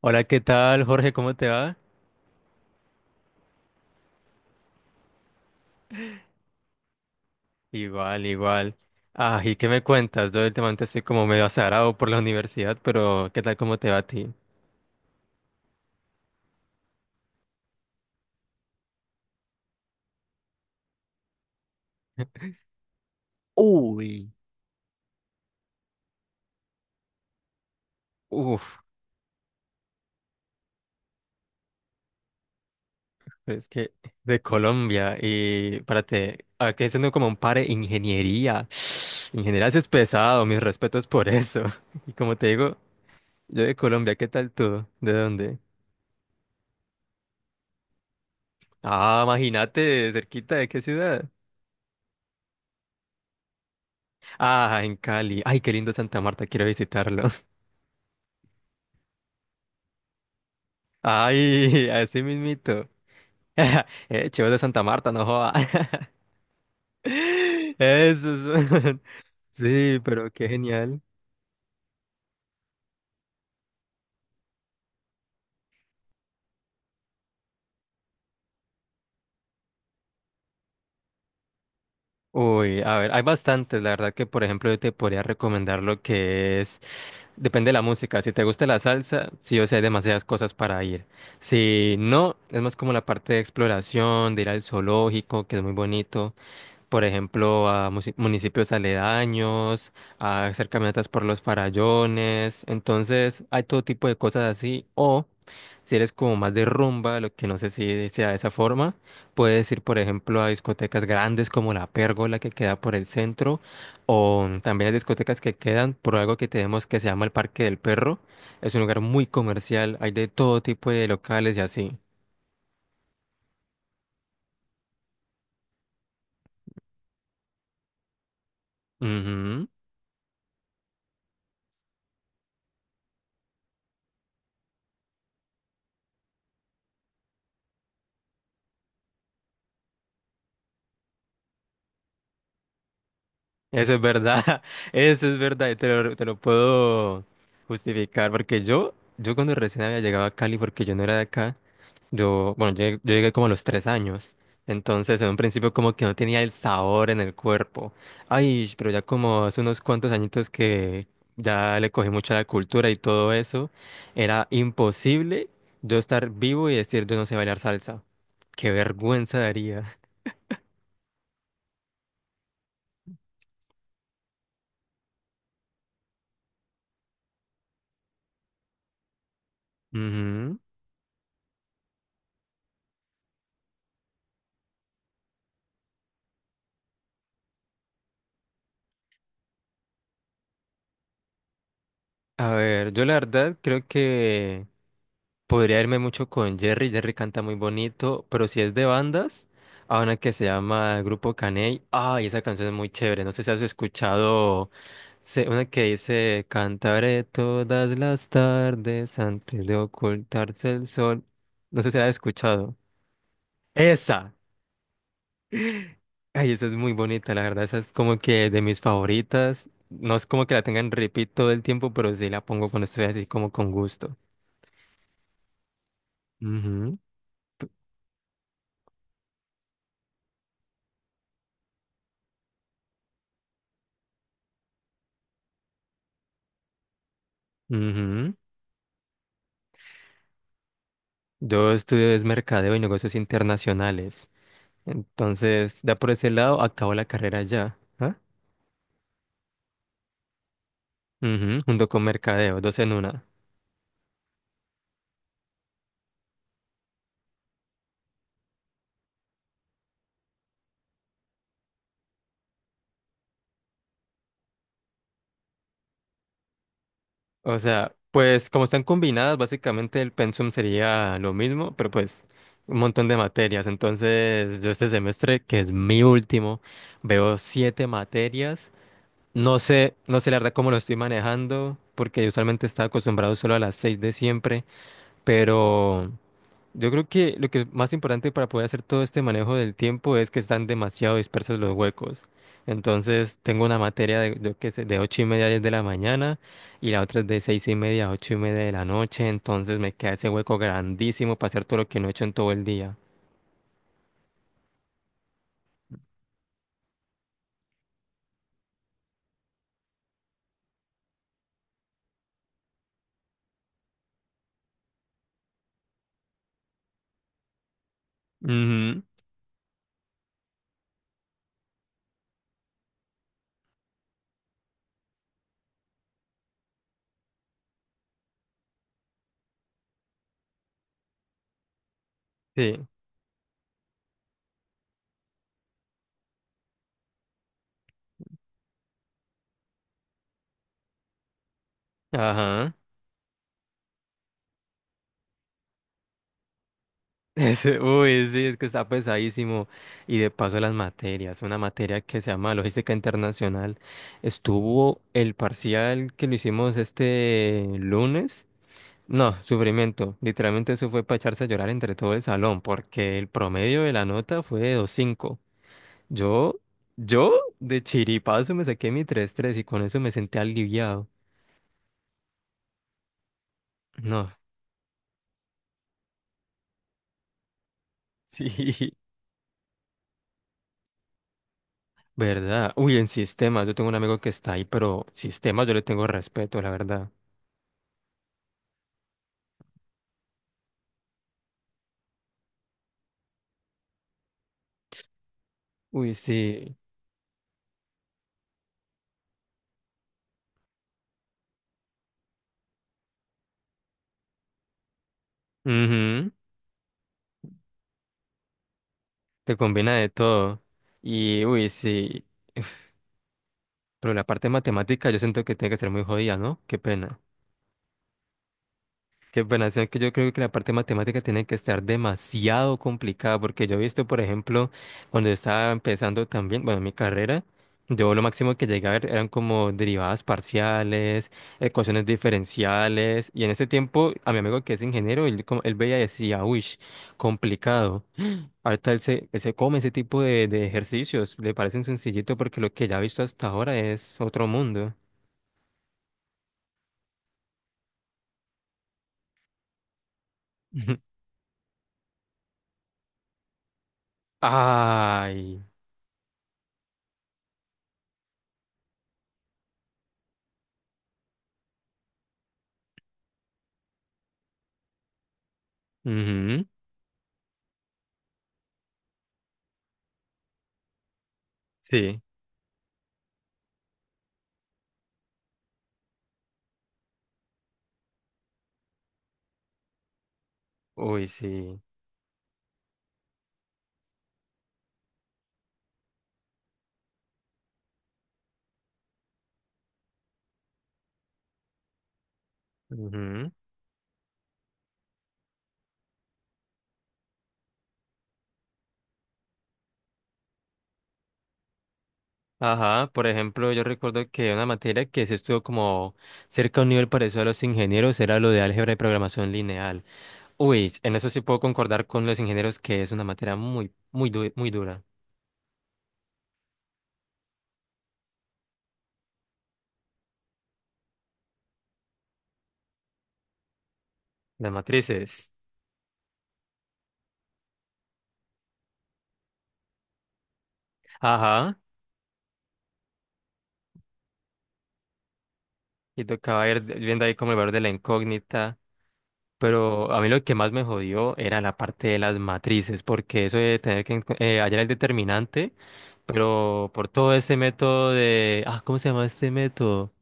Hola, ¿qué tal, Jorge? ¿Cómo te va? Igual, igual. Ah, ¿y qué me cuentas? Yo últimamente estoy como medio azarado por la universidad, pero ¿qué tal cómo te va a ti? Uy. Uf. Es que de Colombia y párate, aquí haciendo como un par de ingeniería. Ingeniería sí es pesado, mis respetos por eso. Y como te digo, yo de Colombia, ¿qué tal tú? ¿De dónde? Ah, imagínate, cerquita de qué ciudad. Ah, en Cali. Ay, qué lindo Santa Marta, quiero visitarlo. Ay, así mismito. Chivo de Santa Marta, no joda. Eso son. Sí, pero qué genial. Uy, a ver, hay bastantes. La verdad que, por ejemplo, yo te podría recomendar lo que es. Depende de la música. Si te gusta la salsa, sí o sí hay demasiadas cosas para ir. Si no, es más como la parte de exploración, de ir al zoológico, que es muy bonito. Por ejemplo, a municipios aledaños, a hacer caminatas por los farallones. Entonces, hay todo tipo de cosas así. O si eres como más de rumba, lo que no sé si sea de esa forma, puedes ir, por ejemplo, a discotecas grandes como La Pérgola que queda por el centro, o también hay discotecas que quedan por algo que tenemos que se llama el Parque del Perro. Es un lugar muy comercial, hay de todo tipo de locales y así. Ujú. Eso es verdad, eso es verdad, y te lo puedo justificar, porque yo cuando recién había llegado a Cali, porque yo no era de acá, yo, bueno, yo llegué como a los 3 años, entonces en un principio como que no tenía el sabor en el cuerpo, ay, pero ya como hace unos cuantos añitos que ya le cogí mucho a la cultura y todo eso, era imposible yo estar vivo y decir yo no sé bailar salsa, qué vergüenza daría. Ujú. A ver, yo la verdad creo que... Podría irme mucho con Jerry, Jerry canta muy bonito, pero si es de bandas, a una que se llama Grupo Caney, ay, esa canción es muy chévere, no sé si has escuchado una que dice, cantaré todas las tardes antes de ocultarse el sol, no sé si la has escuchado. Esa, ay, esa es muy bonita, la verdad, esa es como que de mis favoritas, no es como que la tengan repeat todo el tiempo, pero sí la pongo cuando estoy así como con gusto. Ujú, ujú. Yo estudio es mercadeo y negocios internacionales. Entonces, da por ese lado, acabo la carrera ya. ¿Ah? Ujú, junto con mercadeo, dos en una. O sea, pues como están combinadas, básicamente el pensum sería lo mismo, pero pues un montón de materias. Entonces, yo este semestre, que es mi último, veo siete materias. No sé, no sé la verdad cómo lo estoy manejando, porque yo usualmente estaba acostumbrado solo a las seis de siempre, pero... Yo creo que lo que es más importante para poder hacer todo este manejo del tiempo es que están demasiado dispersos los huecos. Entonces, tengo una materia de, yo qué sé, de 8:30 a 10 de la mañana y la otra es de 6:30 a 8:30 de la noche. Entonces, me queda ese hueco grandísimo para hacer todo lo que no he hecho en todo el día. Ujú. Sí, ajá. Uy, sí, es que está pesadísimo. Y de paso las materias, una materia que se llama Logística Internacional. Estuvo el parcial que lo hicimos este lunes. No, sufrimiento. Literalmente eso fue para echarse a llorar entre todo el salón, porque el promedio de la nota fue de 2,5. Yo, yo de chiripazo me saqué mi 3,3 y con eso me senté aliviado. No, sí, verdad. Uy, en sistemas, yo tengo un amigo que está ahí, pero sistemas yo le tengo respeto, la verdad. Uy, sí. Ujú. Te combina de todo. Y, uy, sí. Pero la parte matemática yo siento que tiene que ser muy jodida, ¿no? Qué pena. Qué pena, o sea, que yo creo que la parte matemática tiene que estar demasiado complicada, porque yo he visto, por ejemplo, cuando estaba empezando también, bueno, mi carrera, yo lo máximo que llegué a ver eran como derivadas parciales, ecuaciones diferenciales, y en ese tiempo a mi amigo que es ingeniero, él, él veía y decía, uy, complicado. Ahorita él se come ese tipo de ejercicios, le parecen sencillito porque lo que ya ha visto hasta ahora es otro mundo. Ay. Ujú. Sí. Uy, sí. Ujú. Ajá, por ejemplo, yo recuerdo que una materia que se estuvo como cerca a un nivel parecido a los ingenieros era lo de álgebra y programación lineal. Uy, en eso sí puedo concordar con los ingenieros que es una materia muy, muy, muy dura. Las matrices. Ajá, y tocaba ir viendo ahí como el valor de la incógnita. Pero a mí lo que más me jodió era la parte de las matrices, porque eso de tener que hallar el determinante, pero por todo este método de... Ah, ¿cómo se llama este método?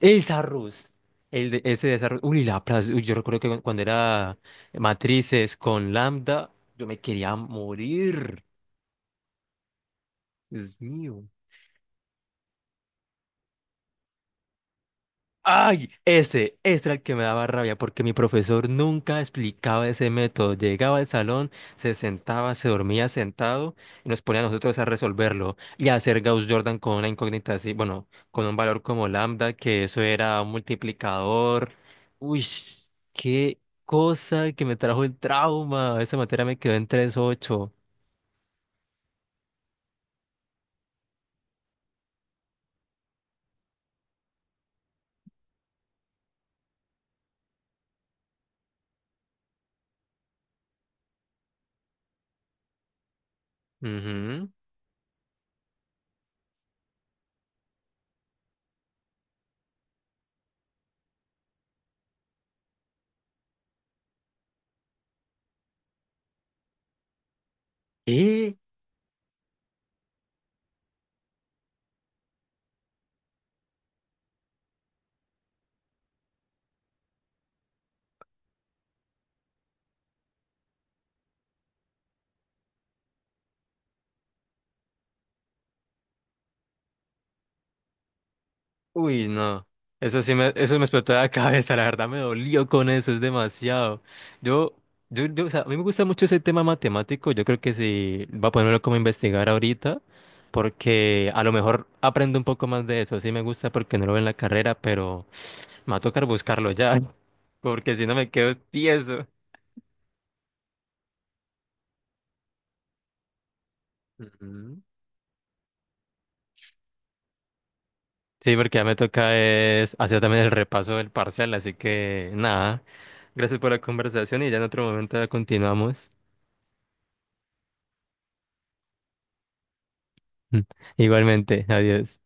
Es arroz. El de, ese de esa arroz. Uy, la plaza. Uy, yo recuerdo que cuando era matrices con Lambda, yo me quería morir. Dios mío. Ay, ese era el que me daba rabia porque mi profesor nunca explicaba ese método. Llegaba al salón, se sentaba, se dormía sentado y nos ponía a nosotros a resolverlo y a hacer Gauss-Jordan con una incógnita así, bueno, con un valor como lambda, que eso era un multiplicador. Uy, qué cosa que me trajo el trauma. Esa materia me quedó en 3,8. Ujú. Uy, no. Eso sí me, eso me explotó la cabeza, la verdad me dolió con eso, es demasiado. Yo, yo, o sea, a mí me gusta mucho ese tema matemático, yo creo que sí, va a ponerlo como a investigar ahorita, porque a lo mejor aprendo un poco más de eso, sí me gusta porque no lo veo en la carrera, pero me va a tocar buscarlo ya, porque si no me quedo tieso. Ujú. Sí, porque ya me toca es hacer también el repaso del parcial, así que nada, gracias por la conversación y ya en otro momento la continuamos. Igualmente, adiós.